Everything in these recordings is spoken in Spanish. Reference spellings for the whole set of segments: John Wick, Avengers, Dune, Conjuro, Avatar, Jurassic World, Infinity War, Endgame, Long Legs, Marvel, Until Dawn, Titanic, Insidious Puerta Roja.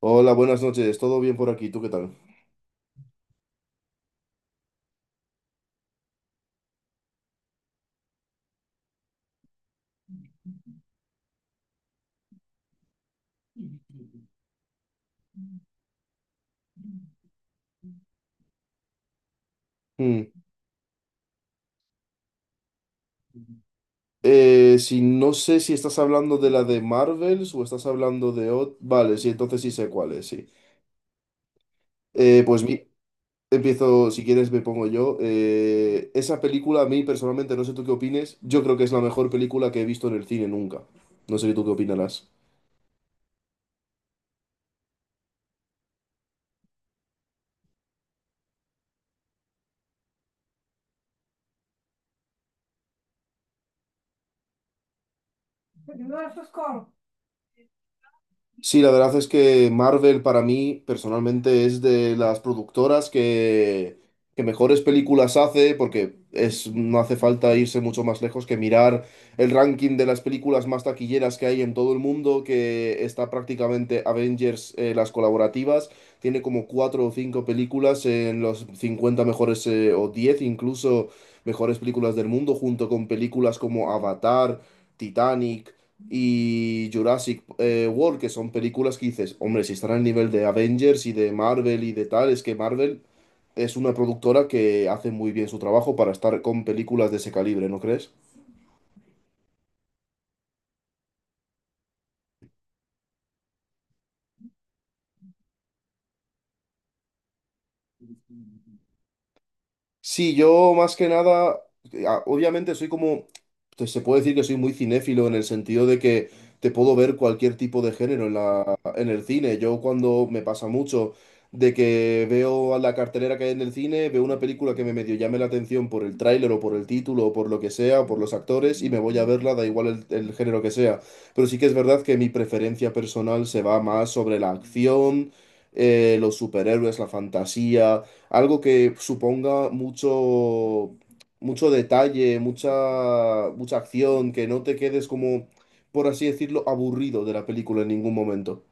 Hola, buenas noches. ¿Todo bien por aquí? ¿Tú qué tal? Hmm. Si no sé si estás hablando de la de Marvels o estás hablando de vale, sí, entonces sí sé cuál es, sí. Eh, pues mi- Empiezo, si quieres me pongo yo. Esa película a mí personalmente, no sé tú qué opines, yo creo que es la mejor película que he visto en el cine nunca. No sé tú qué opinarás. Sí, la verdad es que Marvel para mí personalmente es de las productoras que mejores películas hace porque es, no hace falta irse mucho más lejos que mirar el ranking de las películas más taquilleras que hay en todo el mundo, que está prácticamente Avengers, las colaborativas, tiene como cuatro o cinco películas en los 50 mejores o 10 incluso mejores películas del mundo, junto con películas como Avatar, Titanic y Jurassic World, que son películas que dices, hombre, si están al nivel de Avengers y de Marvel y de tal, es que Marvel es una productora que hace muy bien su trabajo para estar con películas de ese calibre, ¿no crees? Sí, yo más que nada, obviamente soy como, se puede decir que soy muy cinéfilo en el sentido de que te puedo ver cualquier tipo de género en en el cine. Yo cuando me pasa mucho de que veo a la cartelera que hay en el cine, veo una película que me medio llame la atención por el tráiler o por el título o por lo que sea, o por los actores y me voy a verla, da igual el género que sea. Pero sí que es verdad que mi preferencia personal se va más sobre la acción, los superhéroes, la fantasía, algo que suponga mucho, mucho detalle, mucha, mucha acción, que no te quedes como, por así decirlo, aburrido de la película en ningún momento.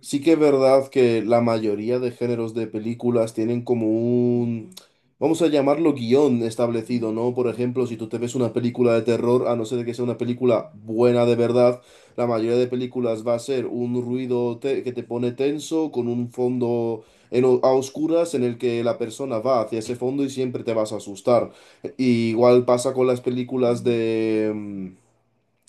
Sí que es verdad que la mayoría de géneros de películas tienen como un, vamos a llamarlo guión establecido, ¿no? Por ejemplo, si tú te ves una película de terror, a no ser que sea una película buena de verdad, la mayoría de películas va a ser un ruido que te pone tenso, con un fondo en a oscuras en el que la persona va hacia ese fondo y siempre te vas a asustar. Y igual pasa con las películas de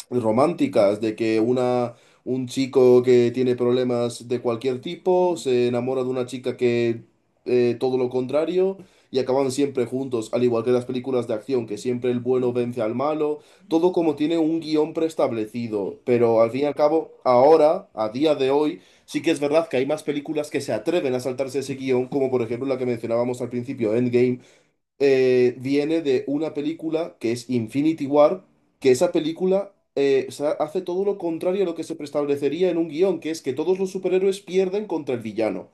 románticas, de que un chico que tiene problemas de cualquier tipo se enamora de una chica que todo lo contrario y acaban siempre juntos, al igual que las películas de acción, que siempre el bueno vence al malo, todo como tiene un guión preestablecido, pero al fin y al cabo, ahora, a día de hoy, sí que es verdad que hay más películas que se atreven a saltarse ese guión, como por ejemplo la que mencionábamos al principio, Endgame, viene de una película que es Infinity War, que esa película, o sea, hace todo lo contrario a lo que se preestablecería en un guión, que es que todos los superhéroes pierden contra el villano.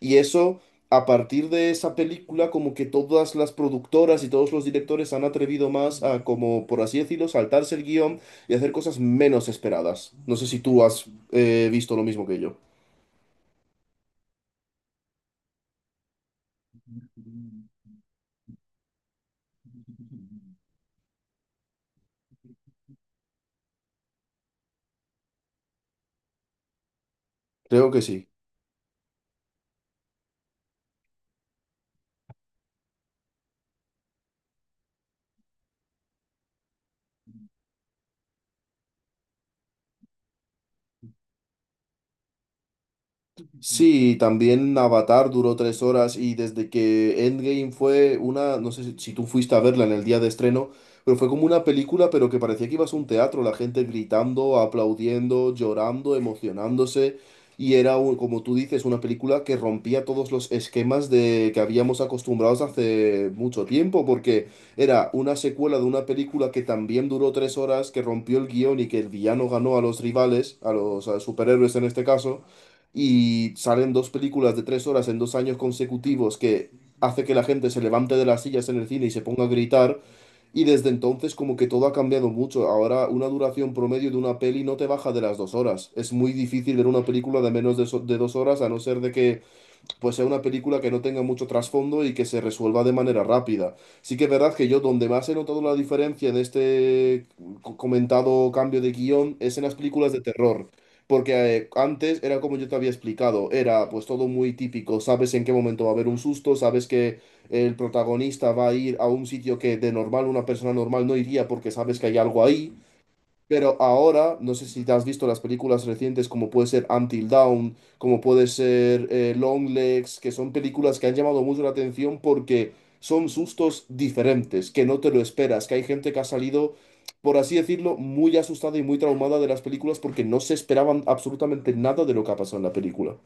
Y eso, a partir de esa película, como que todas las productoras y todos los directores han atrevido más a, como por así decirlo, saltarse el guión y hacer cosas menos esperadas. No sé si tú has visto lo mismo que yo. Creo que sí. Sí, también Avatar duró 3 horas y desde que Endgame fue una, no sé si tú fuiste a verla en el día de estreno, pero fue como una película, pero que parecía que ibas a un teatro, la gente gritando, aplaudiendo, llorando, emocionándose, y era, como tú dices, una película que rompía todos los esquemas de que habíamos acostumbrados hace mucho tiempo, porque era una secuela de una película que también duró 3 horas, que rompió el guión y que el villano ganó a los rivales, a los a superhéroes en este caso, y salen dos películas de 3 horas en 2 años consecutivos que hace que la gente se levante de las sillas en el cine y se ponga a gritar. Y desde entonces como que todo ha cambiado mucho. Ahora una duración promedio de una peli no te baja de las 2 horas. Es muy difícil ver una película de menos de 2 horas a no ser de que pues sea una película que no tenga mucho trasfondo y que se resuelva de manera rápida. Sí que es verdad que yo donde más he notado la diferencia en este comentado cambio de guión es en las películas de terror. Porque antes era como yo te había explicado, era pues todo muy típico, sabes en qué momento va a haber un susto, sabes que el protagonista va a ir a un sitio que de normal una persona normal no iría porque sabes que hay algo ahí. Pero ahora, no sé si te has visto las películas recientes como puede ser Until Dawn, como puede ser Long Legs, que son películas que han llamado mucho la atención porque son sustos diferentes, que no te lo esperas, que hay gente que ha salido, por así decirlo, muy asustada y muy traumada de las películas porque no se esperaban absolutamente nada de lo que ha pasado en la película.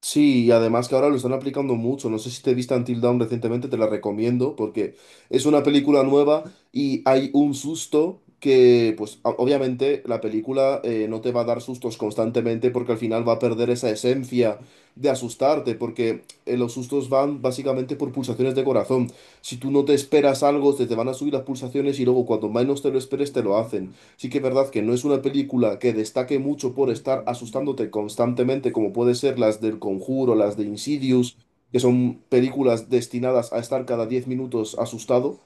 Sí, y además que ahora lo están aplicando mucho. No sé si te viste Until Dawn recientemente, te la recomiendo porque es una película nueva y hay un susto que, pues obviamente la película, no te va a dar sustos constantemente porque al final va a perder esa esencia de asustarte porque los sustos van básicamente por pulsaciones de corazón. Si tú no te esperas algo, se te van a subir las pulsaciones y luego cuando menos te lo esperes te lo hacen. Sí que es verdad que no es una película que destaque mucho por estar asustándote constantemente, como puede ser las del Conjuro, las de Insidious, que son películas destinadas a estar cada 10 minutos asustado,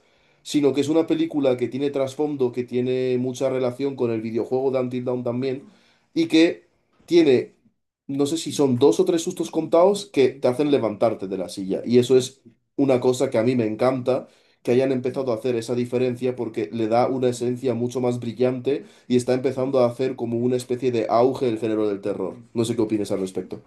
sino que es una película que tiene trasfondo, que tiene mucha relación con el videojuego de Until Dawn también, y que tiene, no sé si son dos o tres sustos contados que te hacen levantarte de la silla. Y eso es una cosa que a mí me encanta que hayan empezado a hacer esa diferencia porque le da una esencia mucho más brillante y está empezando a hacer como una especie de auge el género del terror. No sé qué opinas al respecto.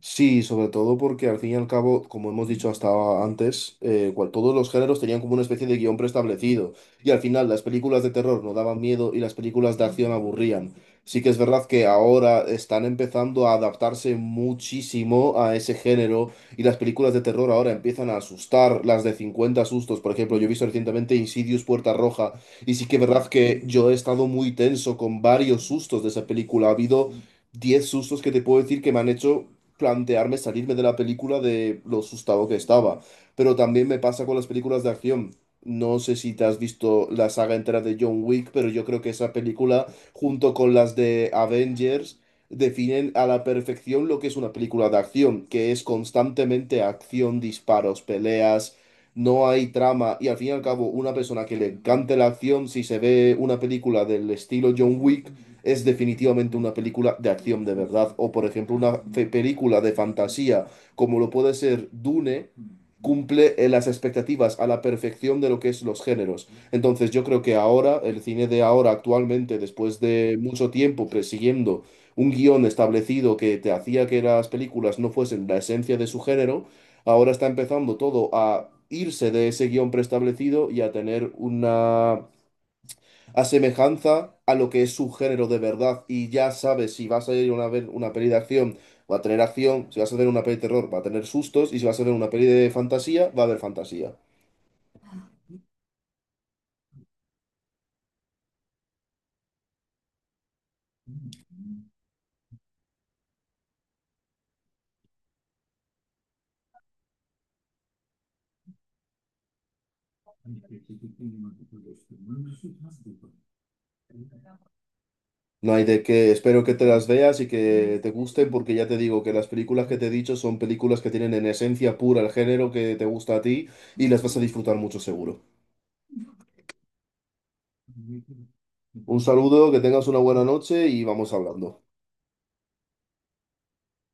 Sí, sobre todo porque al fin y al cabo, como hemos dicho hasta antes, todos los géneros tenían como una especie de guión preestablecido. Y al final las películas de terror no daban miedo y las películas de acción aburrían. Sí que es verdad que ahora están empezando a adaptarse muchísimo a ese género y las películas de terror ahora empiezan a asustar, las de 50 sustos. Por ejemplo, yo he visto recientemente Insidious Puerta Roja y sí que es verdad que yo he estado muy tenso con varios sustos de esa película. Ha habido 10 sustos que te puedo decir que me han hecho plantearme salirme de la película de lo asustado que estaba. Pero también me pasa con las películas de acción. No sé si te has visto la saga entera de John Wick, pero yo creo que esa película, junto con las de Avengers, definen a la perfección lo que es una película de acción, que es constantemente acción, disparos, peleas, no hay trama y al fin y al cabo una persona que le encante la acción, si se ve una película del estilo John Wick, es definitivamente una película de acción de verdad. O por ejemplo una película de fantasía como lo puede ser Dune, cumple las expectativas a la perfección de lo que es los géneros. Entonces yo creo que ahora, el cine de ahora actualmente, después de mucho tiempo persiguiendo un guión establecido que te hacía que las películas no fuesen la esencia de su género, ahora está empezando todo a irse de ese guión preestablecido y a tener una asemejanza a lo que es su género de verdad. Y ya sabes si vas a ir a ver una peli de acción, va a tener acción, si vas a ver una peli de terror, va a tener sustos, y si vas a ver una peli de fantasía, va a haber fantasía. No hay de qué. Espero que te las veas y que te gusten, porque ya te digo que las películas que te he dicho son películas que tienen en esencia pura el género que te gusta a ti y las vas a disfrutar mucho seguro. Un saludo, que tengas una buena noche y vamos hablando.